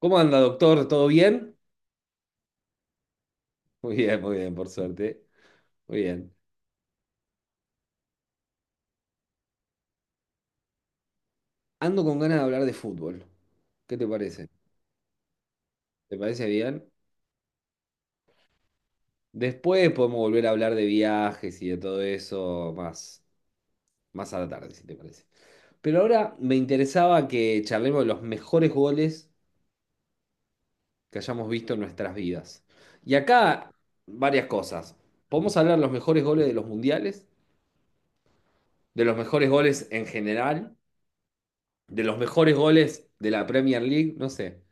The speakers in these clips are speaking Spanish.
¿Cómo anda, doctor? ¿Todo bien? Muy bien, muy bien, por suerte. Muy bien. Ando con ganas de hablar de fútbol. ¿Qué te parece? ¿Te parece bien? Después podemos volver a hablar de viajes y de todo eso más a la tarde, si te parece. Pero ahora me interesaba que charlemos de los mejores goles que hayamos visto en nuestras vidas. Y acá, varias cosas. Podemos hablar de los mejores goles de los mundiales, de los mejores goles en general, de los mejores goles de la Premier League, no sé.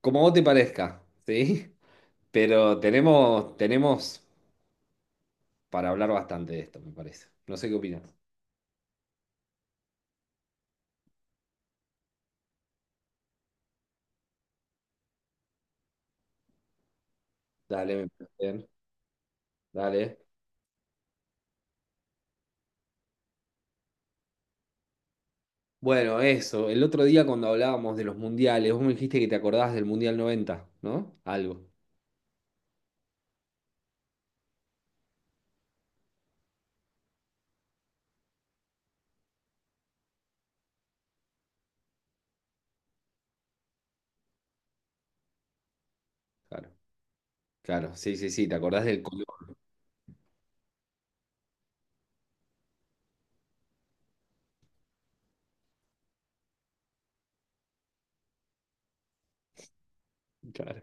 Como vos te parezca, ¿sí? Pero tenemos para hablar bastante de esto, me parece. No sé qué opinas. Dale, me parece bien. Dale. Bueno, eso. El otro día cuando hablábamos de los mundiales, vos me dijiste que te acordás del Mundial 90, ¿no? Algo. Claro. Claro, sí, sí, sí, te acordás del color. Claro.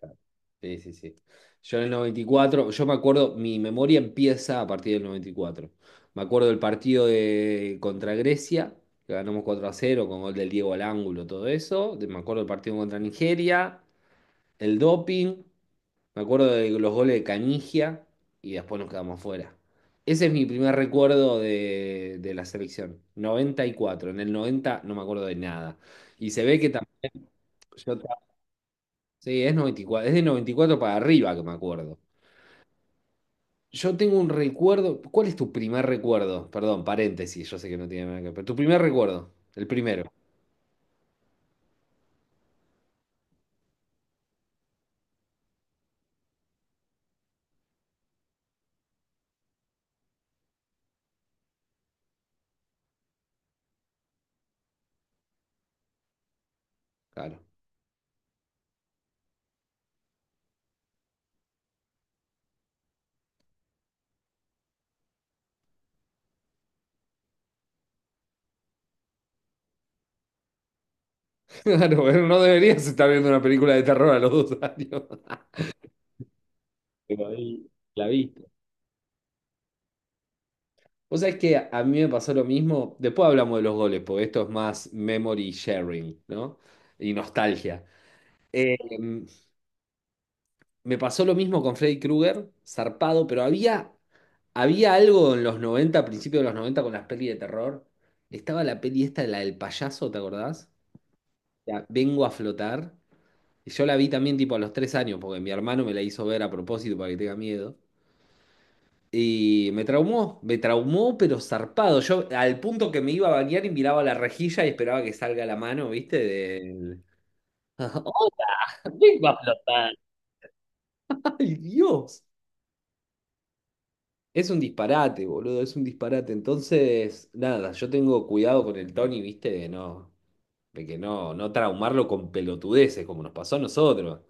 Claro. Sí, sí, sí. Yo en el 94, yo me acuerdo, mi memoria empieza a partir del 94. Me acuerdo del partido contra Grecia, que ganamos 4-0 con gol del Diego al ángulo, todo eso. Me acuerdo del partido contra Nigeria, el doping. Me acuerdo de los goles de Canigia y después nos quedamos fuera. Ese es mi primer recuerdo de la selección. Noventa y cuatro. En el 90 no me acuerdo de nada. Y se ve que también. Sí, es 94, es de 94 para arriba que me acuerdo. Yo tengo un recuerdo. ¿Cuál es tu primer recuerdo? Perdón, paréntesis, yo sé que no tiene nada que ver, pero tu primer recuerdo, el primero, claro. Claro, pero no deberías estar viendo una película de terror a los 2 años. Pero ahí la viste. Vos sabés que a mí me pasó lo mismo. Después hablamos de los goles, porque esto es más memory sharing, ¿no? Y nostalgia. Eh, Me pasó lo mismo con Freddy Krueger, zarpado, pero había algo en los 90, a principios de los 90, con las pelis de terror. Estaba la peli esta, la del payaso, ¿te acordás? La Vengo a flotar. Y yo la vi también tipo a los 3 años, porque mi hermano me la hizo ver a propósito para que tenga miedo. Y me traumó, pero zarpado. Yo al punto que me iba a bañar y miraba la rejilla y esperaba que salga la mano, ¿viste? Del... ¡Oh, la vengo a flotar! ¡Ay, Dios! Es un disparate, boludo, es un disparate. Entonces, nada, yo tengo cuidado con el Tony, viste, de no, de que no, no traumarlo con pelotudeces, como nos pasó a nosotros.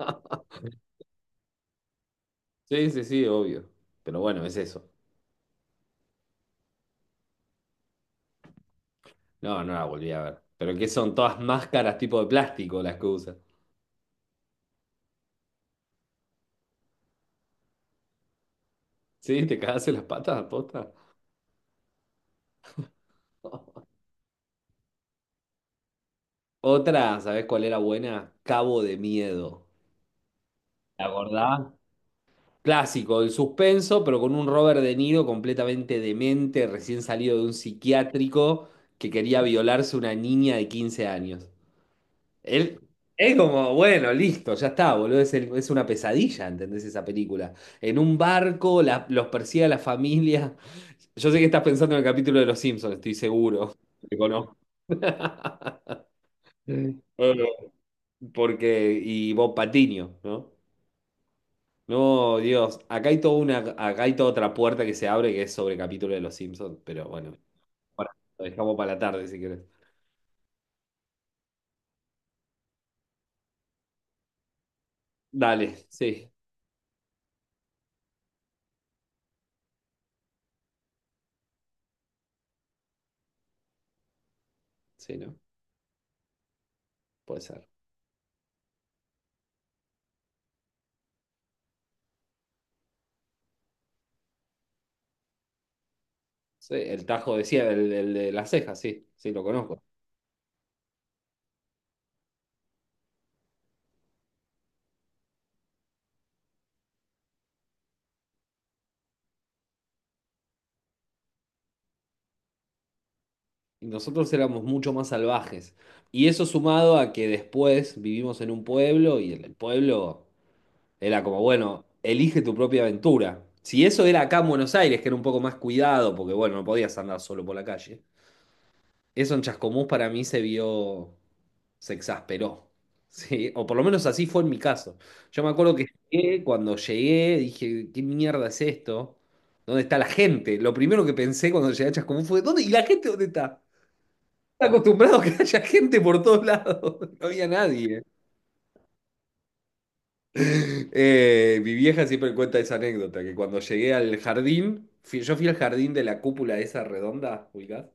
Sí, sí, sí, obvio. Pero bueno, es eso. No, no la volví a ver. Pero que son todas máscaras tipo de plástico las que usa. Sí, te cagaste las patas, posta. Otra, ¿sabés cuál era buena? Cabo de Miedo. ¿La acordás? Clásico, el suspenso, pero con un Robert De Niro completamente demente, recién salido de un psiquiátrico que quería violarse una niña de 15 años. Él es como, bueno, listo, ya está, boludo, es, es una pesadilla, ¿entendés esa película? En un barco, los persigue a la familia. Yo sé que estás pensando en el capítulo de Los Simpsons, estoy seguro, te conozco. Eh, Porque, y Bob Patiño, ¿no? No, Dios, acá hay toda una, acá hay toda otra puerta que se abre que es sobre capítulo de Los Simpsons, pero bueno, ahora lo dejamos para la tarde si querés. Dale, sí, sí, no, puede ser. Sí, el Tajo decía, el de las cejas, sí, sí, lo conozco. Y nosotros éramos mucho más salvajes. Y eso sumado a que después vivimos en un pueblo y el pueblo era como, bueno, elige tu propia aventura. Si eso era acá en Buenos Aires, que era un poco más cuidado, porque bueno, no podías andar solo por la calle. Eso en Chascomús para mí se vio, se exasperó, ¿sí? O por lo menos así fue en mi caso. Yo me acuerdo que llegué, cuando llegué dije, ¿qué mierda es esto? ¿Dónde está la gente? Lo primero que pensé cuando llegué a Chascomús fue, ¿dónde? ¿Y la gente dónde está? Estaba acostumbrado a que haya gente por todos lados, no había nadie. Mi vieja siempre cuenta esa anécdota, que cuando llegué al jardín, yo fui al jardín de la cúpula esa redonda, ubicás,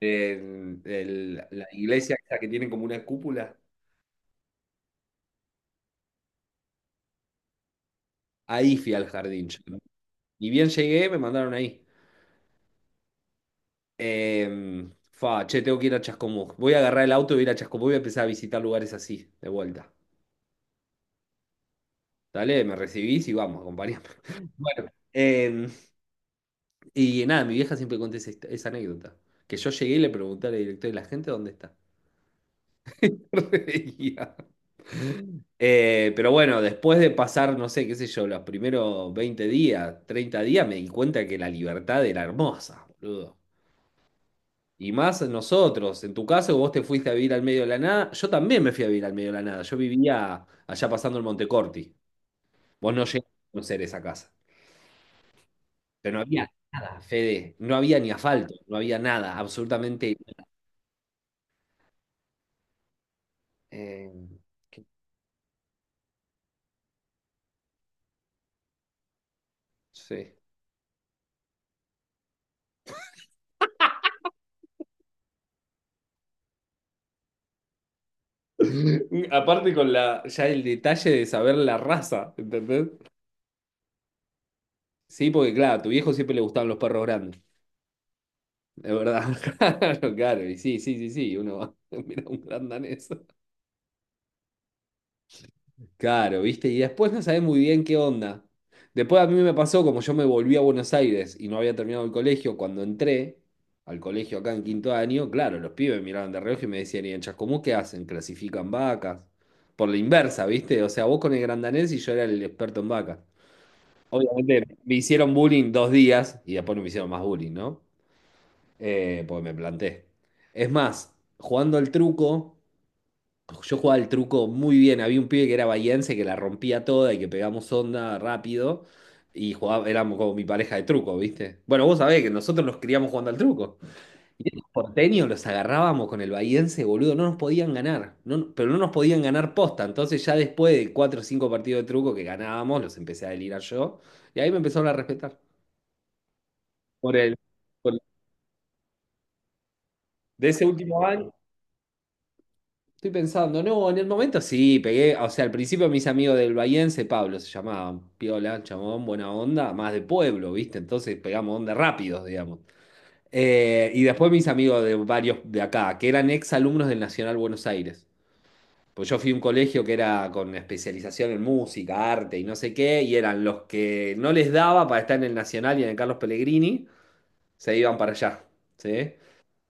en la iglesia esa que tiene como una cúpula. Ahí fui al jardín. Y bien llegué, me mandaron ahí. Eh, fa, che, tengo que ir a Chascomús. Voy a agarrar el auto y voy a ir a Chascomús, voy a empezar a visitar lugares así, de vuelta. Dale, me recibís y vamos, acompañame. Bueno, y nada, mi vieja siempre cuenta esa, esa anécdota. Que yo llegué y le pregunté al director de la gente dónde está. Reía. Pero bueno, después de pasar, no sé, qué sé yo, los primeros 20 días, 30 días, me di cuenta que la libertad era hermosa, boludo. Y más nosotros. En tu caso, vos te fuiste a vivir al medio de la nada. Yo también me fui a vivir al medio de la nada. Yo vivía allá pasando el Montecorti. Vos no llegaste a conocer esa casa. Pero no había nada, Fede. No había ni asfalto. No había nada. Absolutamente. eh, qué- sí. Aparte con la, ya el detalle de saber la raza, ¿entendés? Sí, porque claro, a tu viejo siempre le gustaban los perros grandes, de verdad. Claro, claro, y sí, sí, sí, sí, uno va, mira un gran danés. Claro, ¿viste? Y después no sabés muy bien qué onda. Después a mí me pasó, como yo me volví a Buenos Aires y no había terminado el colegio, cuando entré al colegio acá en quinto año, claro, los pibes miraban de reojo y me decían, ¿y en Chascomús qué hacen? ¿Clasifican vacas? Por la inversa, ¿viste? O sea, vos con el grandanés y yo era el experto en vacas. Obviamente me hicieron bullying 2 días y después no me hicieron más bullying, ¿no? Porque me planté. Es más, jugando al truco. Yo jugaba el truco muy bien. Había un pibe que era bahiense que la rompía toda y que pegamos onda rápido. Y jugaba, éramos como mi pareja de truco, ¿viste? Bueno, vos sabés que nosotros nos criamos jugando al truco. Porteño los agarrábamos con el bahiense, boludo. No nos podían ganar. No, pero no nos podían ganar posta. Entonces, ya después de cuatro o cinco partidos de truco que ganábamos, los empecé a delirar yo. Y ahí me empezaron a respetar. Por el, por- de ese último año. Estoy pensando, no, en el momento sí, pegué, o sea, al principio mis amigos del Bahiense, Pablo se llamaban, piola, chamón, buena onda, más de pueblo, ¿viste? Entonces pegamos onda rápidos, digamos. Y después mis amigos de varios de acá, que eran ex alumnos del Nacional Buenos Aires. Pues yo fui a un colegio que era con especialización en música, arte y no sé qué, y eran los que no les daba para estar en el Nacional y en el Carlos Pellegrini, se iban para allá, ¿sí?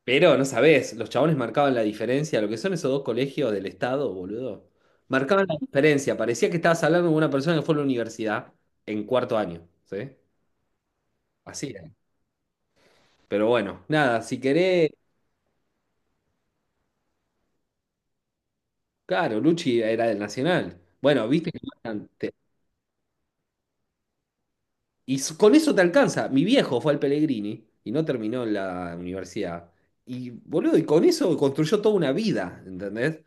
Pero no sabés, los chabones marcaban la diferencia, lo que son esos dos colegios del Estado, boludo. Marcaban la diferencia, parecía que estabas hablando con una persona que fue a la universidad en cuarto año, ¿sí? Así era. Pero bueno, nada, si querés, claro, Luchi era del Nacional. Bueno, viste que marcan, con eso te alcanza. Mi viejo fue al Pellegrini y no terminó en la universidad. Y boludo, y con eso construyó toda una vida, ¿entendés?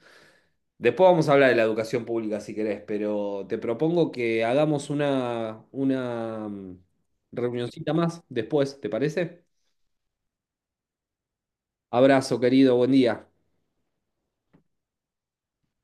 Después vamos a hablar de la educación pública si querés, pero te propongo que hagamos una reunioncita más después, ¿te parece? Abrazo, querido, buen día.